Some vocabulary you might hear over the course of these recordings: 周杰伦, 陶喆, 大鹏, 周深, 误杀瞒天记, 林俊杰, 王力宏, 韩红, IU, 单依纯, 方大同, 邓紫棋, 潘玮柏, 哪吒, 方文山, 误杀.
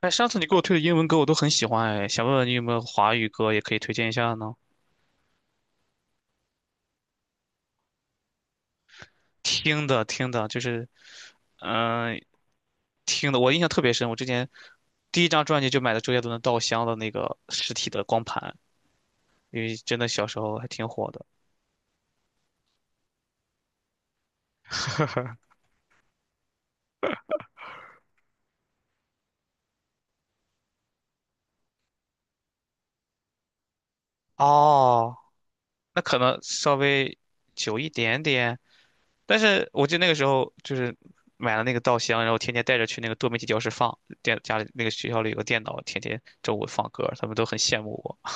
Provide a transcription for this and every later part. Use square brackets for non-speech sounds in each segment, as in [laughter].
哎，上次你给我推的英文歌我都很喜欢，哎，想问问你有没有华语歌也可以推荐一下呢？听的听的，就是，嗯、听的，我印象特别深。我之前第一张专辑就买的周杰伦的《稻香》的那个实体的光盘，因为真的小时候还挺火的。哦，那可能稍微久一点点，但是我记得那个时候就是买了那个《稻香》，然后天天带着去那个多媒体教室放，家里那个学校里有个电脑，天天周五放歌，他们都很羡慕我。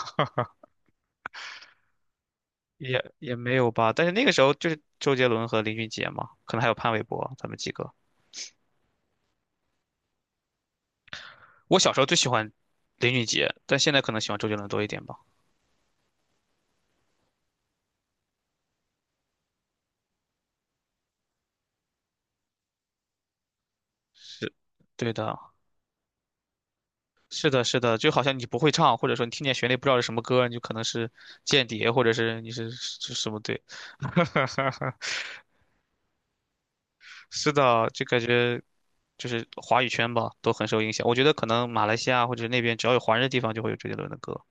也没有吧，但是那个时候就是周杰伦和林俊杰嘛，可能还有潘玮柏他们几个。我小时候最喜欢林俊杰，但现在可能喜欢周杰伦多一点吧。是，对的，是的，是的，就好像你不会唱，或者说你听见旋律不知道是什么歌，你就可能是间谍，或者是你是什么对，是的，就感觉就是华语圈吧，都很受影响。我觉得可能马来西亚或者那边只要有华人的地方，就会有周杰伦的歌。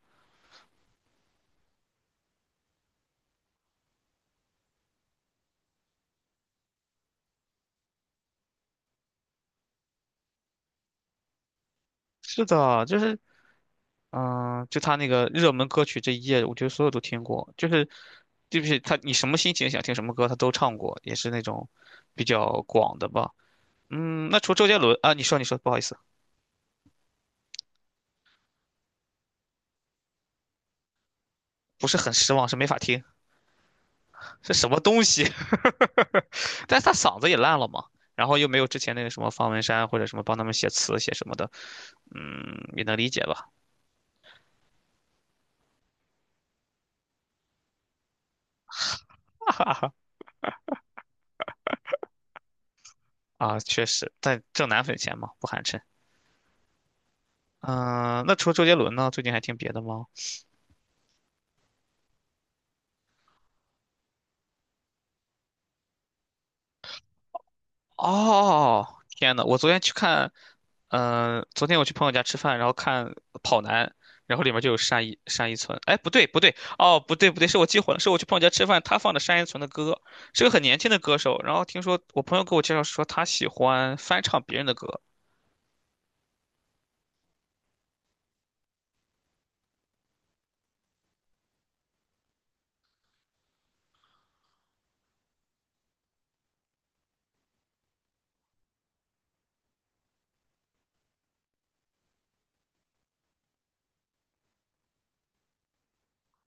是的，就是就他那个热门歌曲这一页，我觉得所有都听过，就是对不起，他你什么心情想听什么歌，他都唱过，也是那种比较广的吧。嗯，那除周杰伦啊，你说你说，不好意思，不是很失望，是没法听，是什么东西？[laughs] 但是他嗓子也烂了嘛，然后又没有之前那个什么方文山或者什么帮他们写词写什么的，嗯，也能理解吧。[laughs] 啊，确实，但挣奶粉钱嘛，不寒碜。嗯，那除了周杰伦呢，最近还听别的吗？哦，天呐，我昨天去看，昨天我去朋友家吃饭，然后看《跑男》，然后里面就有单依纯。哎，不对不对，哦，不对不对，是我记混了，是我去朋友家吃饭，他放的单依纯的歌，是个很年轻的歌手。然后听说我朋友给我介绍说他喜欢翻唱别人的歌。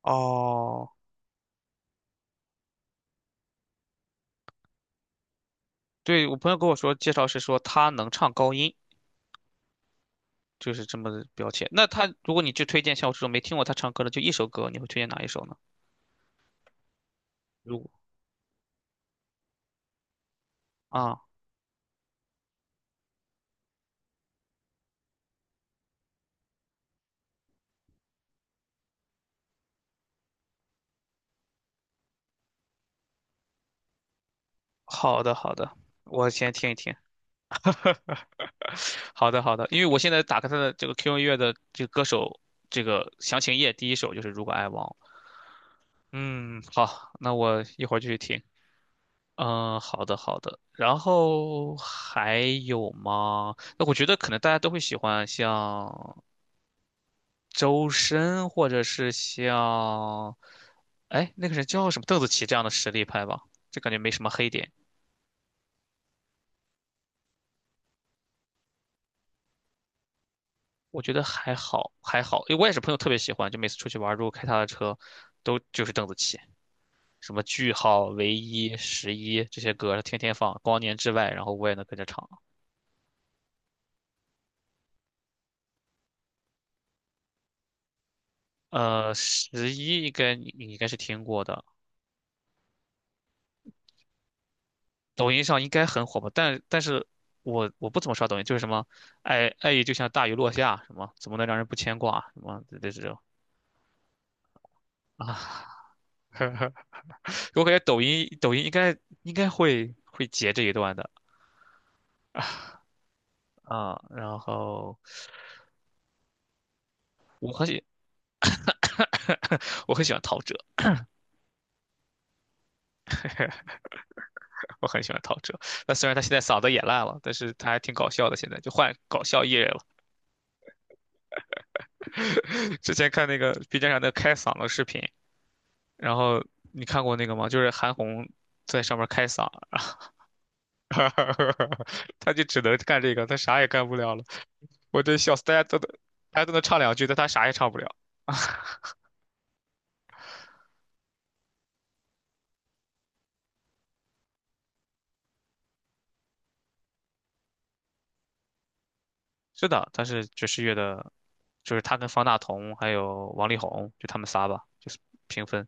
哦，对，我朋友跟我说介绍是说他能唱高音，就是这么标签。那他如果你去推荐像我这种没听过他唱歌的就一首歌，你会推荐哪一首呢？如果啊，好的好的，我先听一听。[laughs] 好的，好的，因为我现在打开他的这个 QQ 音乐的这个歌手这个详情页，第一首就是《如果爱忘了》。嗯，好，那我一会儿就去听。嗯，好的，好的。然后还有吗？那我觉得可能大家都会喜欢像周深，或者是像，哎，那个人叫什么邓紫棋这样的实力派吧，这感觉没什么黑点。我觉得还好，还好，因为我也是朋友特别喜欢，就每次出去玩儿如果开他的车，都就是邓紫棋。什么句号、唯一、十一这些歌，他天天放，光年之外，然后我也能跟着唱。呃，十一应该你应该是听过的，抖音上应该很火吧？但是我不怎么刷抖音，就是什么爱意就像大雨落下，什么怎么能让人不牵挂，什么这种啊。[laughs] 我感觉抖音应该会截这一段的啊。然后我很喜 [laughs] 我很喜欢陶喆。我很喜欢陶喆。那虽然他现在嗓子也烂了，但是他还挺搞笑的，现在就换搞笑艺人了。[laughs] 之前看那个 B 站上的开嗓的视频，然后你看过那个吗？就是韩红在上面开嗓，[laughs] 他就只能干这个，他啥也干不了了。我真笑死，大家都能唱两句，但他啥也唱不了。是的，他是爵士乐的，就是他跟方大同还有王力宏，就他们仨吧，就是平分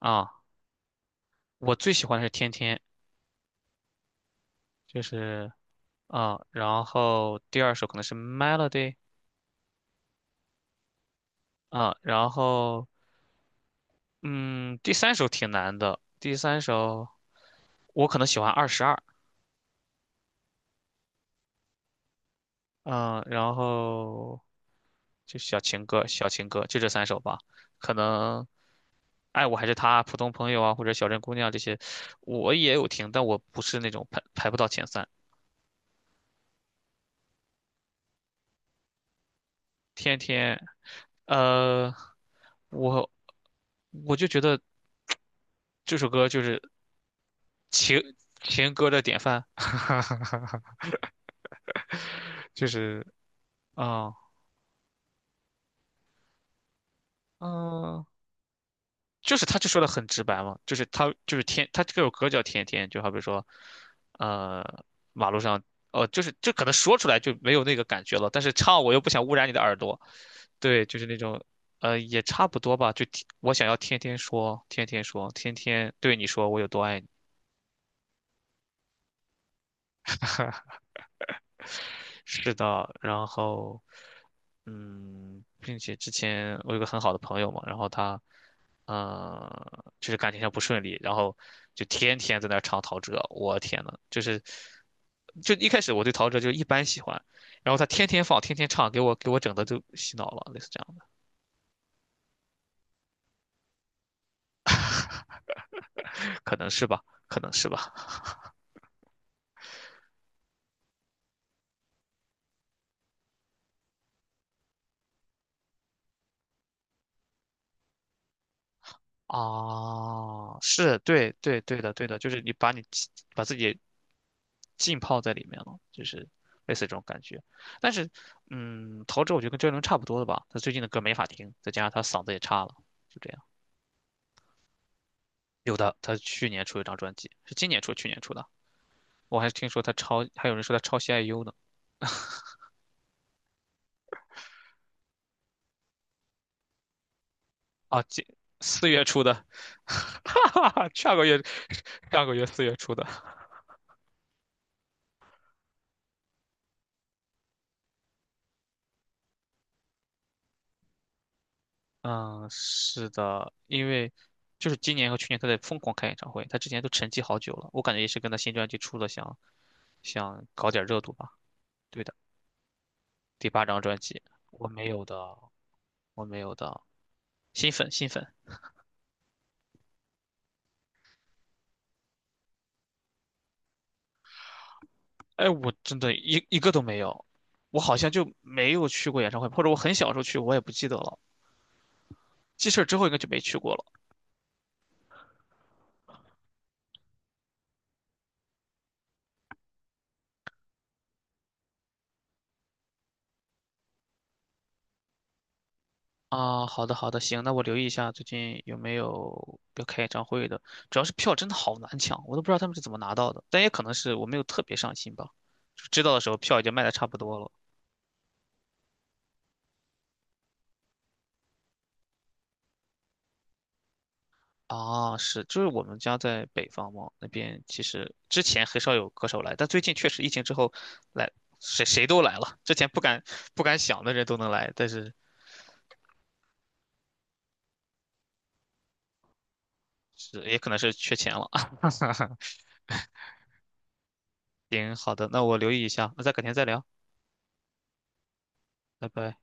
啊。我最喜欢的是天天，就是啊，然后第二首可能是 Melody 啊，然后嗯，第三首挺难的，第三首我可能喜欢二十二，嗯，然后就小情歌，小情歌就这三首吧，可能爱我还是他，普通朋友啊，或者小镇姑娘这些，我也有听，但我不是那种排不到前三，天天，呃，我我就觉得 [tsk] 这首歌就是。情情歌的典范，[laughs] 就是啊嗯，就是他就说的很直白嘛，就是他就是天，他这首歌叫天天，就好比说，呃，马路上，哦，就是这可能说出来就没有那个感觉了，但是唱我又不想污染你的耳朵，对，就是那种，也差不多吧，就天我想要天天说，天天说，天天对你说我有多爱你。是的，然后，并且之前我有个很好的朋友嘛，然后他，就是感情上不顺利，然后就天天在那儿唱陶喆，我天呐，就是，就一开始我对陶喆就一般喜欢，然后他天天放，天天唱，给我整的都洗脑了，类似这样的，可能是吧，可能是吧。啊，是对对对的，对的，就是你把自己浸泡在里面了，就是类似这种感觉。但是，陶喆我觉得跟周杰伦差不多的吧，他最近的歌没法听，再加上他嗓子也差了，就这样。有的，他去年出一张专辑，是今年出，去年出的。我还听说还有人说他抄袭 IU 呢。啊，今四月出的，[laughs] 哈哈哈，上个月四月出的。嗯，是的，因为就是今年和去年他在疯狂开演唱会，他之前都沉寂好久了，我感觉也是跟他新专辑出了想搞点热度吧。对的，第八张专辑，我没有的，我没有的，新粉新粉，哎，我真的一个都没有，我好像就没有去过演唱会，或者我很小时候去，我也不记得了。记事儿之后应该就没去过了啊。好的好的，行，那我留意一下最近有没有要开演唱会的，主要是票真的好难抢，我都不知道他们是怎么拿到的，但也可能是我没有特别上心吧，就知道的时候票已经卖的差不多了。啊，是，就是我们家在北方嘛，那边其实之前很少有歌手来，但最近确实疫情之后来，谁谁都来了。之前不敢想的人都能来，但是也可能是缺钱了。[laughs] 行，好的，那我留意一下，那再改天再聊，拜拜。